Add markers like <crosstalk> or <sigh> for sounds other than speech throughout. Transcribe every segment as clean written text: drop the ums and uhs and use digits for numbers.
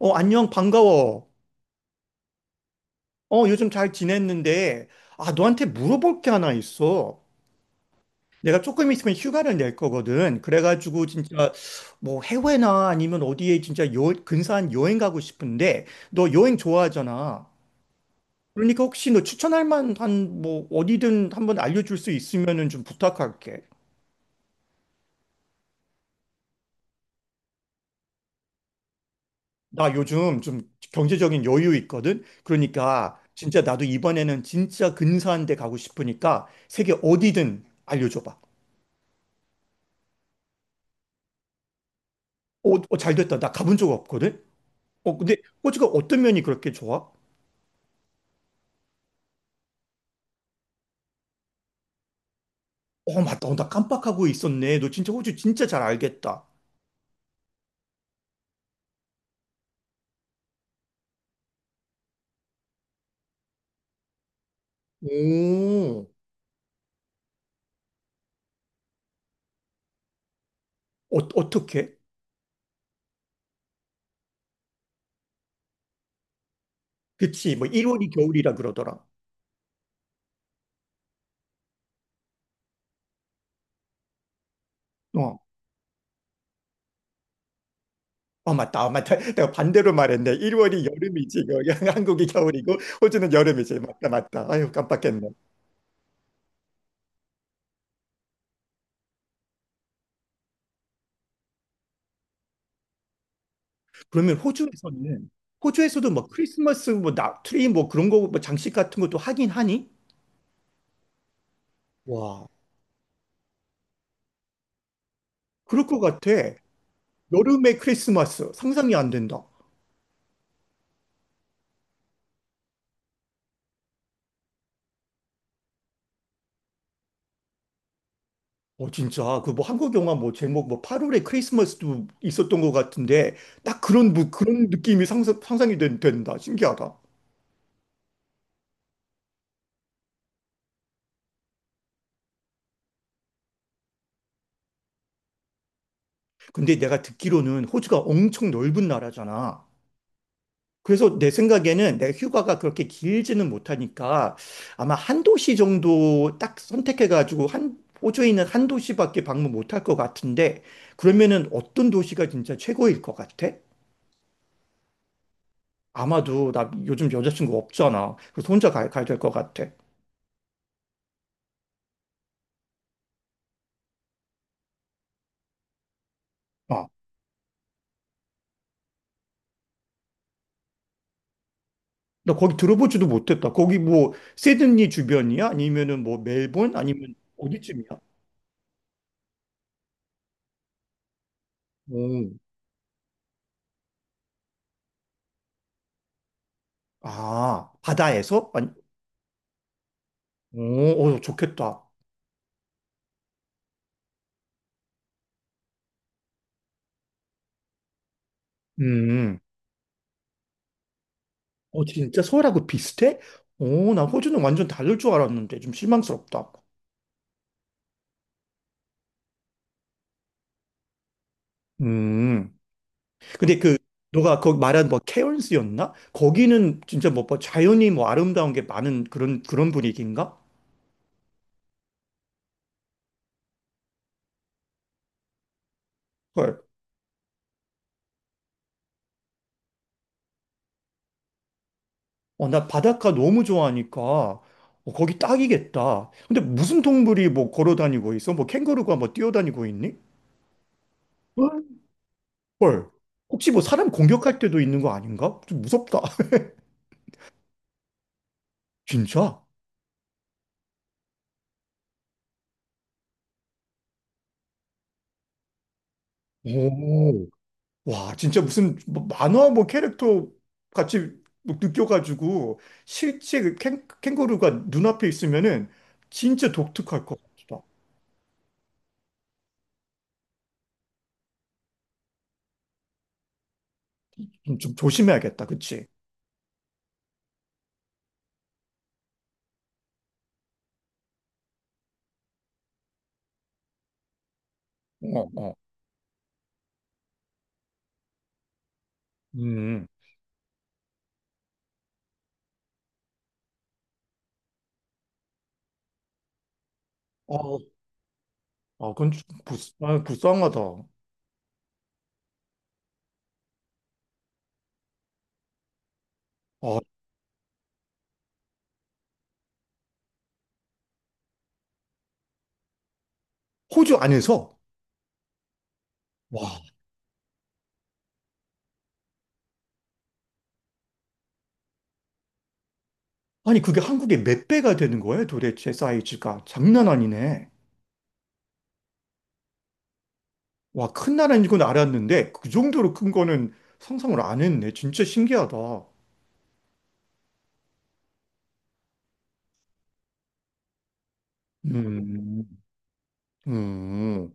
어, 안녕, 반가워. 어, 요즘 잘 지냈는데, 아, 너한테 물어볼 게 하나 있어. 내가 조금 있으면 휴가를 낼 거거든. 그래가지고, 진짜, 뭐, 해외나 아니면 어디에 진짜 요, 근사한 여행 가고 싶은데, 너 여행 좋아하잖아. 그러니까 혹시 너 추천할 만한, 뭐, 어디든 한번 알려줄 수 있으면은 좀 부탁할게. 나 요즘 좀 경제적인 여유 있거든. 그러니까, 진짜 나도 이번에는 진짜 근사한 데 가고 싶으니까, 세계 어디든 알려줘봐. 어, 어, 잘 됐다. 나 가본 적 없거든? 어, 근데 호주가 어떤 면이 그렇게 좋아? 어, 맞다. 어, 나 깜빡하고 있었네. 너 진짜 호주 진짜 잘 알겠다. 오, 어, 어떻게? 그치. 뭐, 1월이 겨울이라 그러더라. 어. 어, 맞다. 어, 맞다. <laughs> 내가 반대로 말했네. 1월이 여름이지. 그 <laughs> 한국이 겨울이고, 호주는 여름이지. 맞다, 맞다. 아유, 깜빡했네. 그러면 호주에서는, 호주에서도 뭐 크리스마스, 뭐, 나, 트리, 뭐 그런 거, 뭐 장식 같은 것도 하긴 하니? 와, 그럴 것 같아. 여름의 크리스마스 상상이 안 된다. 어 진짜 그 뭐 한국 영화 뭐 제목 뭐 8월의 크리스마스도 있었던 것 같은데 딱 그런 뭐 그런 느낌이 상상이 된다. 신기하다. 근데 내가 듣기로는 호주가 엄청 넓은 나라잖아. 그래서 내 생각에는 내가 휴가가 그렇게 길지는 못하니까 아마 한 도시 정도 딱 선택해가지고 한 호주에 있는 한 도시밖에 방문 못할 것 같은데 그러면은 어떤 도시가 진짜 최고일 것 같아? 아마도 나 요즘 여자친구 없잖아. 그래서 혼자 가야 될 것 같아. 어. 나 거기 들어보지도 못했다. 거기 뭐 시드니 주변이야? 아니면은 뭐 멜본? 아니면 어디쯤이야? 오, 아, 바다에서? 아니, 오, 오, 좋겠다. 음. 어, 진짜 서울하고 비슷해? 오, 나 호주는 완전 다를 줄 알았는데 좀 실망스럽다. 음. 근데 그 너가 거기 말한 뭐 케언스였나? 거기는 진짜 뭐, 뭐 자연이 뭐 아름다운 게 많은 그런 그런 분위기인가? 헐. 어, 나 바닷가 너무 좋아하니까 어, 거기 딱이겠다. 근데 무슨 동물이 뭐 걸어 다니고 있어? 뭐 캥거루가 뭐 뛰어다니고 있니? 헐. 헐. 혹시 뭐 사람 공격할 때도 있는 거 아닌가? 좀 무섭다. <laughs> 진짜? 오. 와, 진짜 무슨 뭐 만화 뭐 캐릭터 같이 뭐 느껴가지고 실제 그 캥거루가 눈앞에 있으면은 진짜 독특할 것 같다. 좀, 좀 조심해야겠다. 그치? 어, 어. 음. 어, 아, 그건 좀 아, 불쌍하다. 아, 호주 안에서? 와, 아니 그게 한국의 몇 배가 되는 거예요, 도대체 사이즈가? 장난 아니네. 와, 큰 나라인 건 알았는데 그 정도로 큰 거는 상상을 안 했네. 진짜 신기하다. 음, 음.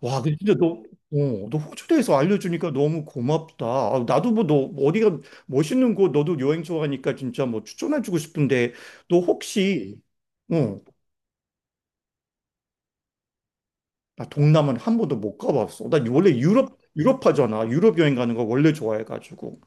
와, 근데 진짜 너, 어, 너 호주 대해서 알려주니까 너무 고맙다. 아, 나도 뭐 너 어디가 멋있는 곳, 너도 여행 좋아하니까 진짜 뭐 추천해주고 싶은데 너 혹시 어, 나 동남아는 한 번도 못 가봤어. 나 원래 유럽, 유럽파잖아. 유럽 여행 가는 거 원래 좋아해가지고.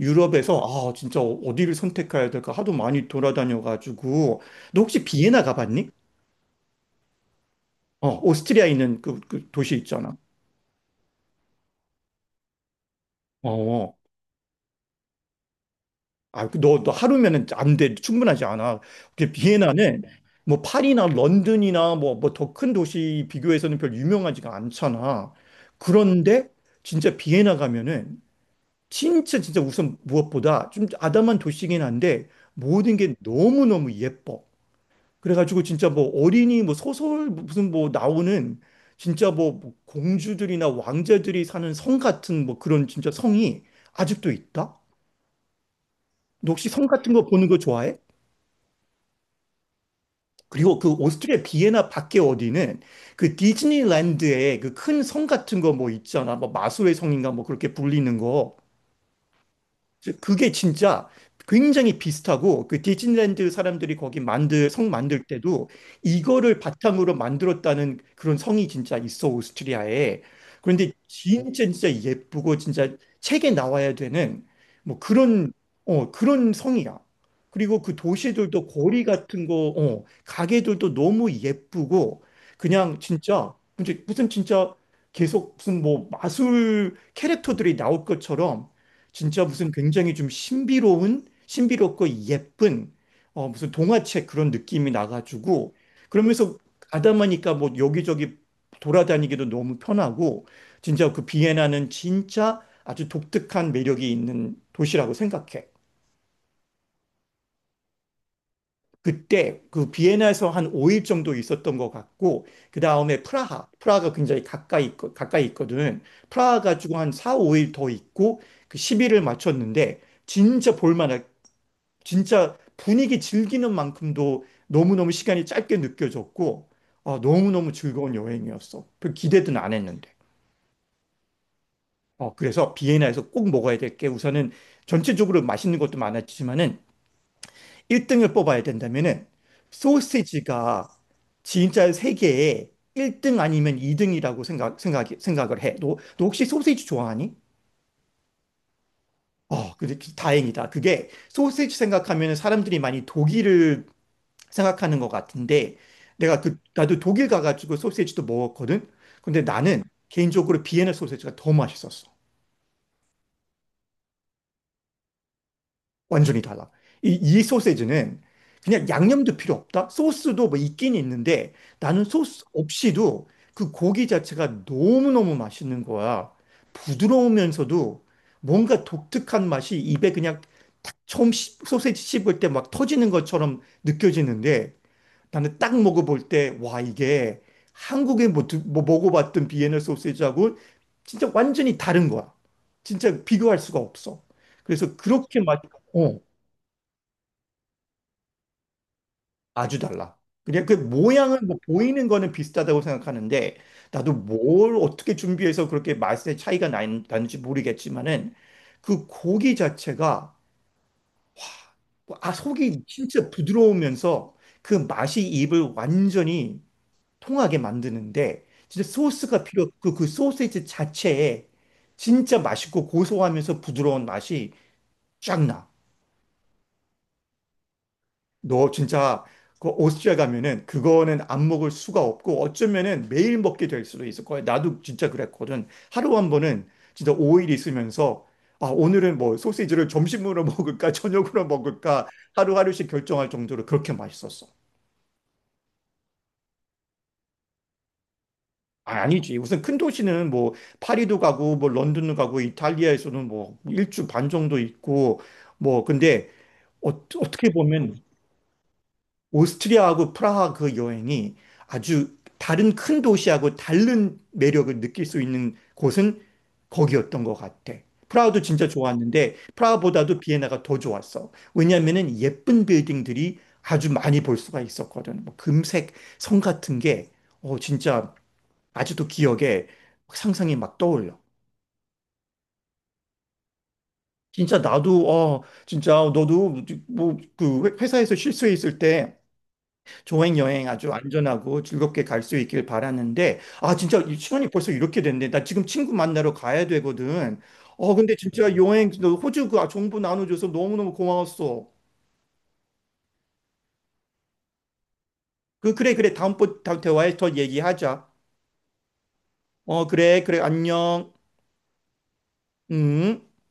유럽에서, 아, 진짜 어디를 선택해야 될까 하도 많이 돌아다녀가지고. 너 혹시 비엔나 가봤니? 어, 오스트리아 있는 그, 그 도시 있잖아. 어, 어. 아, 그 너, 너 하루면은 안 돼. 충분하지 않아. 그 비엔나는 뭐 파리나 런던이나 뭐, 뭐 더 큰 도시 비교해서는 별 유명하지가 않잖아. 그런데 진짜 비엔나 가면은 진짜 진짜 우선 무엇보다 좀 아담한 도시긴 한데 모든 게 너무너무 예뻐. 그래가지고 진짜 뭐 어린이 뭐 소설 무슨 뭐 나오는 진짜 뭐뭐 공주들이나 왕자들이 사는 성 같은 뭐 그런 진짜 성이 아직도 있다? 너 혹시 성 같은 거 보는 거 좋아해? 그리고 그 오스트리아 비엔나 밖에 어디는 그 디즈니랜드에 그 큰 성 같은 거 뭐 있잖아. 뭐 마술의 성인가 뭐 그렇게 불리는 거. 그게 진짜 굉장히 비슷하고 그 디즈니랜드 사람들이 거기 만들 성 만들 때도 이거를 바탕으로 만들었다는 그런 성이 진짜 있어 오스트리아에. 그런데 진짜 진짜 예쁘고 진짜 책에 나와야 되는 뭐 그런 어 그런 성이야. 그리고 그 도시들도 거리 같은 거, 어, 가게들도 너무 예쁘고 그냥 진짜 무슨 무슨 진짜 계속 무슨 뭐 마술 캐릭터들이 나올 것처럼 진짜 무슨 굉장히 좀 신비로운, 신비롭고 예쁜, 어, 무슨 동화책 그런 느낌이 나가지고, 그러면서 가다보니까 뭐 여기저기 돌아다니기도 너무 편하고, 진짜 그 비엔나는 진짜 아주 독특한 매력이 있는 도시라고 생각해. 그때 그 비엔나에서 한 5일 정도 있었던 것 같고, 그 다음에 프라하, 프라하가 굉장히 가까이, 가까이 있거든. 프라하 가지고 한 4, 5일 더 있고, 그 10일을 마쳤는데, 진짜 볼만한 진짜 분위기 즐기는 만큼도 너무너무 시간이 짧게 느껴졌고, 어, 너무너무 즐거운 여행이었어. 별 기대는 안 했는데. 어, 그래서 비엔나에서 꼭 먹어야 될 게 우선은 전체적으로 맛있는 것도 많았지만은 1등을 뽑아야 된다면은 소시지가 진짜 세계에 1등 아니면 2등이라고 생각을 해. 너, 너 혹시 소시지 좋아하니? 어, 근데 다행이다. 그게 소시지 생각하면 사람들이 많이 독일을 생각하는 것 같은데 내가 그 나도 독일 가가지고 소시지도 먹었거든. 근데 나는 개인적으로 비엔나 소시지가 더 맛있었어. 완전히 달라. 이 소시지는 그냥 양념도 필요 없다. 소스도 뭐 있긴 있는데 나는 소스 없이도 그 고기 자체가 너무너무 맛있는 거야. 부드러우면서도 뭔가 독특한 맛이 입에 그냥 처음 소시지 씹을 때 막 터지는 것처럼 느껴지는데 나는 딱 먹어볼 때, 와, 이게 한국에 뭐, 뭐 먹어봤던 비엔나 소시지하고 진짜 완전히 다른 거야. 진짜 비교할 수가 없어. 그래서 그렇게 맛, 어, 아주 달라. 그냥 그 모양은 뭐 보이는 거는 비슷하다고 생각하는데, 나도 뭘 어떻게 준비해서 그렇게 맛의 차이가 나는지 모르겠지만은, 그 고기 자체가, 뭐, 아, 속이 진짜 부드러우면서 그 맛이 입을 완전히 통하게 만드는데 진짜 소스가 필요 없고 그 소세지 자체에 진짜 맛있고 고소하면서 부드러운 맛이 쫙 나. 너 진짜 그 오스트리아 가면은 그거는 안 먹을 수가 없고 어쩌면은 매일 먹게 될 수도 있을 거야. 나도 진짜 그랬거든. 하루 한 번은 진짜 5일 있으면서 아, 오늘은 뭐 소시지를 점심으로 <laughs> 먹을까 저녁으로 먹을까 하루하루씩 결정할 정도로 그렇게 맛있었어. 아, 아니지. 우선 큰 도시는 뭐 파리도 가고 뭐 런던도 가고 이탈리아에서는 뭐 일주 반 정도 있고 뭐 근데 어, 어떻게 보면 오스트리아하고 프라하 그 여행이 아주 다른 큰 도시하고 다른 매력을 느낄 수 있는 곳은 거기였던 것 같아. 프라하도 진짜 좋았는데 프라하보다도 비엔나가 더 좋았어. 왜냐면은 예쁜 빌딩들이 아주 많이 볼 수가 있었거든. 뭐 금색 성 같은 게 어, 진짜 아직도 기억에 막 상상이 막 떠올려. 진짜 나도 어 진짜 너도 뭐 그 회사에서 쉴 수 있을 때 조행 여행 아주 안전하고 즐겁게 갈 수 있길 바라는데 아 진짜 이 시간이 벌써 이렇게 됐네. 나 지금 친구 만나러 가야 되거든. 어 근데 진짜 여행 너 호주 그 정보 나눠줘서 너무너무 고마웠어. 그 그래 그래 다음번 대화에 더 얘기하자. 어 그래 그래 안녕. 음.